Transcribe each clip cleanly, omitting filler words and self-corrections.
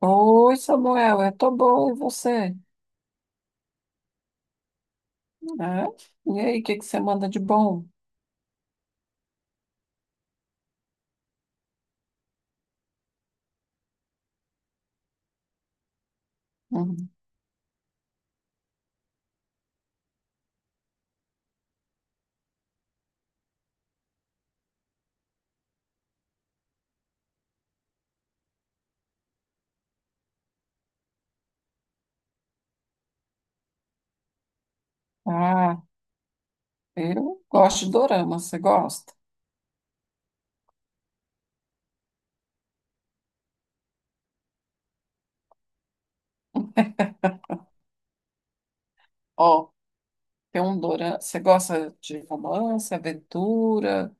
Oi, Samuel, eu tô bom, e você? É? E aí, o que que você manda de bom? Uhum. Ah, eu gosto de dorama, você gosta? Ó, tem um dorama, você gosta de romance, aventura?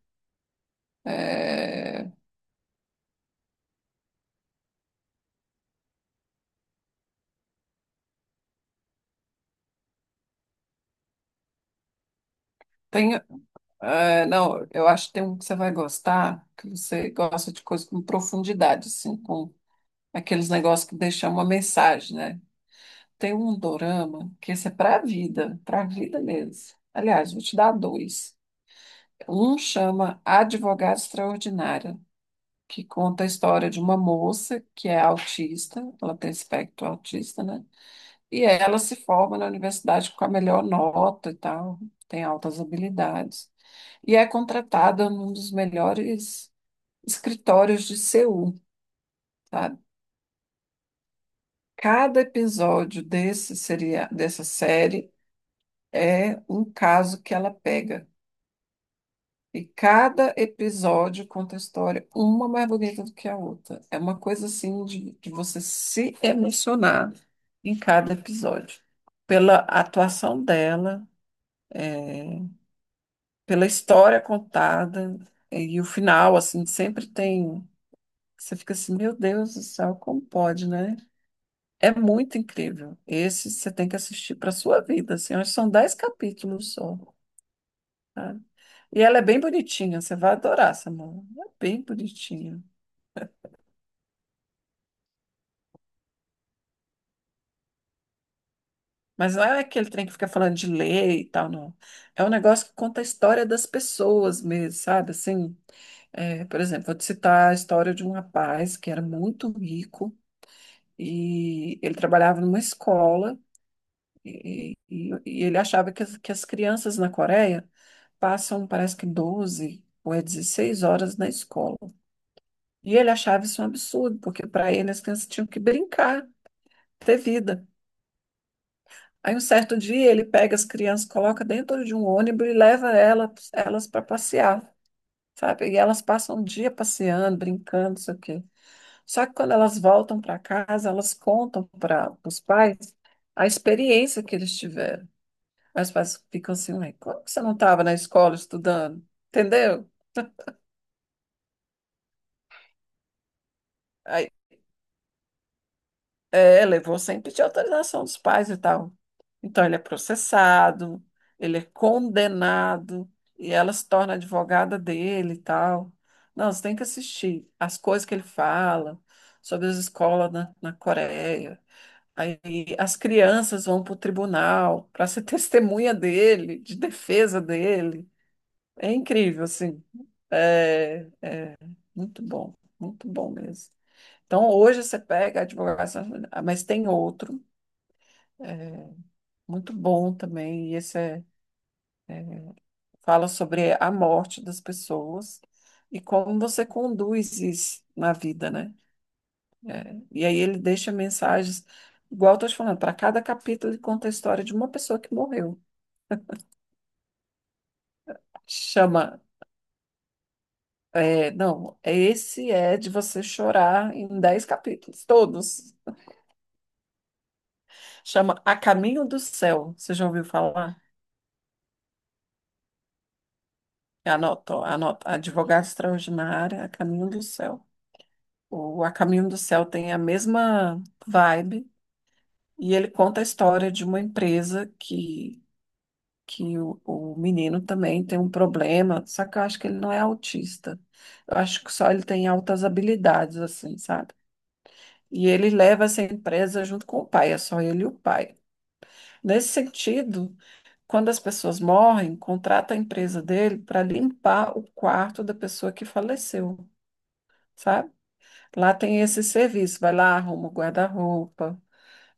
É. Tem, não, eu acho que tem um que você vai gostar, que você gosta de coisas com profundidade, assim, com aqueles negócios que deixam uma mensagem, né? Tem um dorama que esse é pra vida mesmo. Aliás, vou te dar dois. Um chama Advogada Extraordinária, que conta a história de uma moça que é autista, ela tem espectro autista, né? E ela se forma na universidade com a melhor nota e tal, tem altas habilidades. E é contratada num dos melhores escritórios de Seul, sabe? Cada episódio desse seria, dessa série é um caso que ela pega. E cada episódio conta a história, uma mais bonita do que a outra. É uma coisa assim de você se emocionar em cada episódio. Pela atuação dela, é, pela história contada, e o final, assim, sempre tem. Você fica assim, meu Deus do céu, como pode, né? É muito incrível. Esse você tem que assistir para sua vida, assim. Acho que são 10 capítulos só, tá? E ela é bem bonitinha, você vai adorar, Samara. É bem bonitinha. Mas não é aquele trem que fica falando de lei e tal, não. É um negócio que conta a história das pessoas mesmo, sabe? Assim, é, por exemplo, vou te citar a história de um rapaz que era muito rico e ele trabalhava numa escola e ele achava que que as crianças na Coreia passam, parece que 12 ou é 16 horas na escola. E ele achava isso um absurdo, porque para ele as crianças tinham que brincar, ter vida. Aí um certo dia ele pega as crianças, coloca dentro de um ônibus e leva elas para passear, sabe? E elas passam o dia passeando, brincando, isso aqui. Só que quando elas voltam para casa, elas contam para os pais a experiência que eles tiveram. Aí os pais ficam assim: "Ué, como que você não estava na escola estudando? Entendeu?" É, levou sem pedir autorização dos pais e tal. Então, ele é processado, ele é condenado, e ela se torna advogada dele e tal. Não, você tem que assistir as coisas que ele fala sobre as escolas na Coreia. Aí as crianças vão para o tribunal para ser testemunha dele, de defesa dele. É incrível, assim. É muito bom, muito bom mesmo. Então, hoje você pega a advogação, mas tem outro. Muito bom também. E esse é, fala sobre a morte das pessoas e como você conduz isso na vida, né? E aí ele deixa mensagens, igual eu estou te falando, para cada capítulo ele conta a história de uma pessoa que morreu. Chama, não, esse é de você chorar em 10 capítulos, todos. Chama A Caminho do Céu. Você já ouviu falar? Anota, ó, anota, Advogada Extraordinária, A Caminho do Céu. O A Caminho do Céu tem a mesma vibe e ele conta a história de uma empresa que o menino também tem um problema, só que eu acho que ele não é autista. Eu acho que só ele tem altas habilidades, assim, sabe? E ele leva essa empresa junto com o pai, é só ele e o pai. Nesse sentido, quando as pessoas morrem, contrata a empresa dele para limpar o quarto da pessoa que faleceu, sabe? Lá tem esse serviço, vai lá, arruma o guarda-roupa,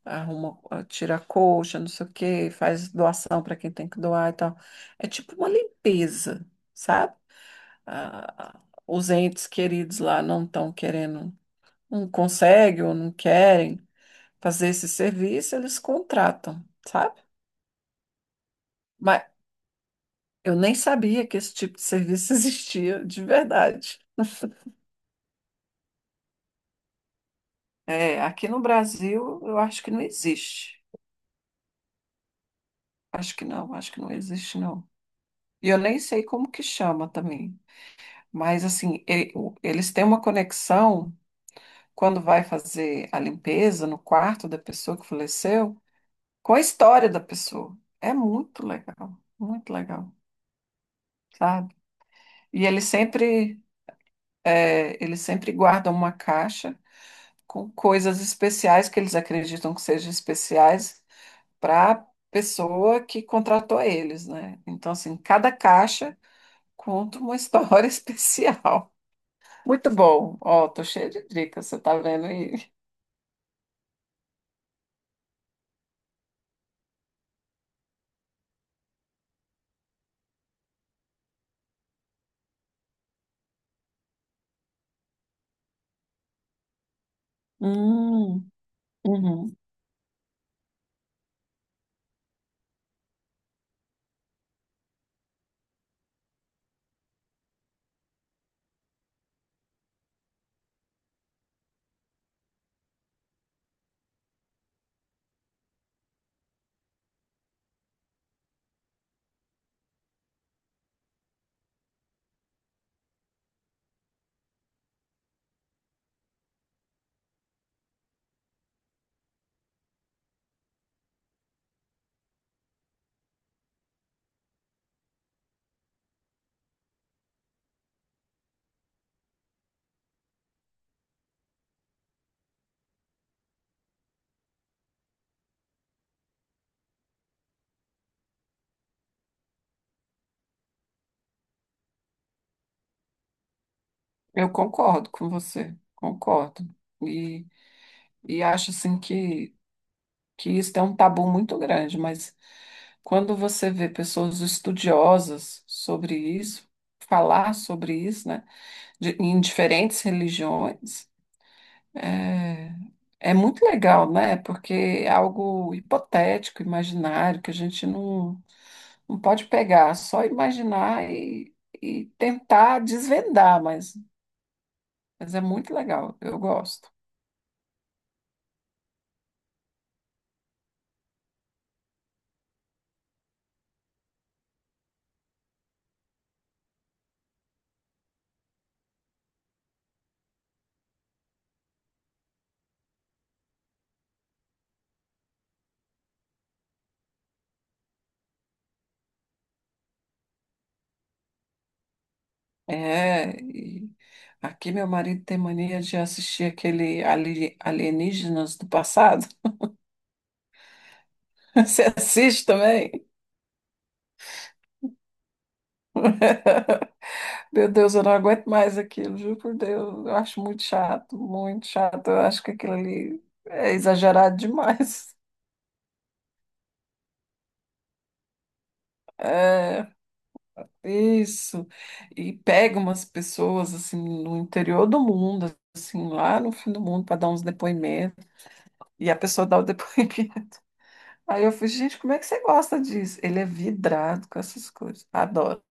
arruma, ah, tira a colcha, não sei o quê, faz doação para quem tem que doar e tal. É tipo uma limpeza, sabe? Ah, os entes queridos lá não estão querendo, não conseguem ou não querem fazer esse serviço, eles contratam, sabe? Mas eu nem sabia que esse tipo de serviço existia, de verdade. É, aqui no Brasil, eu acho que não existe. Acho que não existe, não. E eu nem sei como que chama também. Mas assim, eles têm uma conexão quando vai fazer a limpeza no quarto da pessoa que faleceu com a história da pessoa. É muito legal, sabe? E eles sempre, eles sempre guardam uma caixa com coisas especiais que eles acreditam que sejam especiais para a pessoa que contratou eles, né? Então, assim, cada caixa conta uma história especial. Muito bom. Ó, tô cheia de dicas, você tá vendo isso? Hum, uhum. Eu concordo com você, concordo. E, e acho assim que isso é um tabu muito grande, mas quando você vê pessoas estudiosas sobre isso, falar sobre isso, né, em diferentes religiões, é, é muito legal, né? Porque é algo hipotético, imaginário, que a gente não, não pode pegar, só imaginar e tentar desvendar, mas. Mas é muito legal, eu gosto. É, e aqui meu marido tem mania de assistir Alienígenas do Passado. Você assiste também? Meu Deus, eu não aguento mais aquilo, juro por Deus. Eu acho muito chato, muito chato. Eu acho que aquilo ali é exagerado demais. É, isso. E pega umas pessoas assim no interior do mundo, assim, lá no fim do mundo, para dar uns depoimentos. E a pessoa dá o depoimento. Aí eu falei, gente, como é que você gosta disso? Ele é vidrado com essas coisas, adora.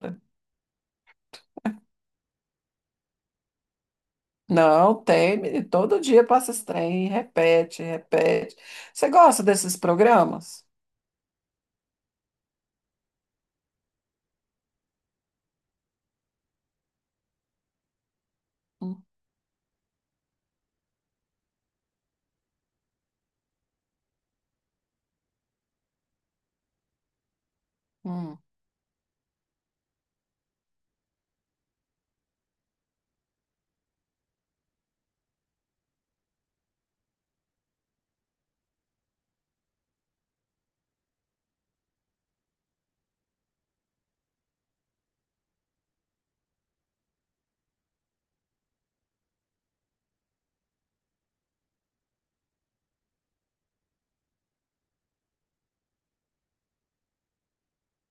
Não, tem, menino, todo dia passa esse trem, repete, repete. Você gosta desses programas? Uhum.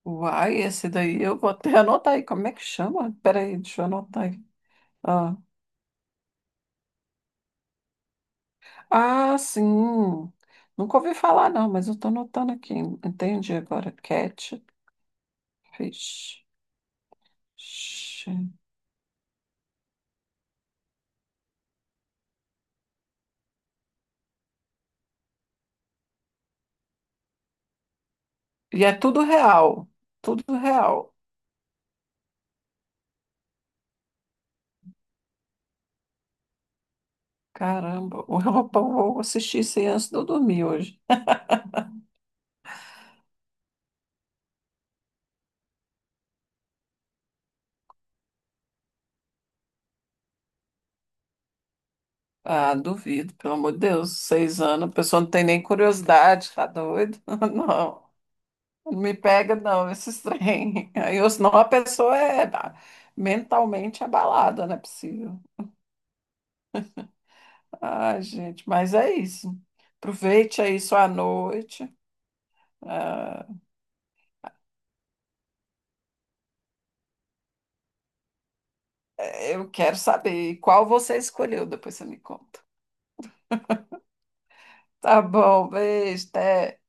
Uai, esse daí eu vou até anotar aí. Como é que chama? Peraí, deixa eu anotar aí. Ah, ah, sim. Nunca ouvi falar, não, mas eu tô anotando aqui. Entendi agora. Catfish. E é tudo real. Tudo real. Caramba, o Europão, vou assistir isso aí antes de eu dormir hoje. Ah, duvido, pelo amor de Deus, 6 anos, a pessoa não tem nem curiosidade, tá doido? Não, não me pega não, esses trem. Aí, ou senão a pessoa é, ah, mentalmente abalada, não é possível. Ai, gente, mas é isso. Aproveite aí sua noite. Ah, eu quero saber qual você escolheu, depois você me conta. Tá bom, beijo, até.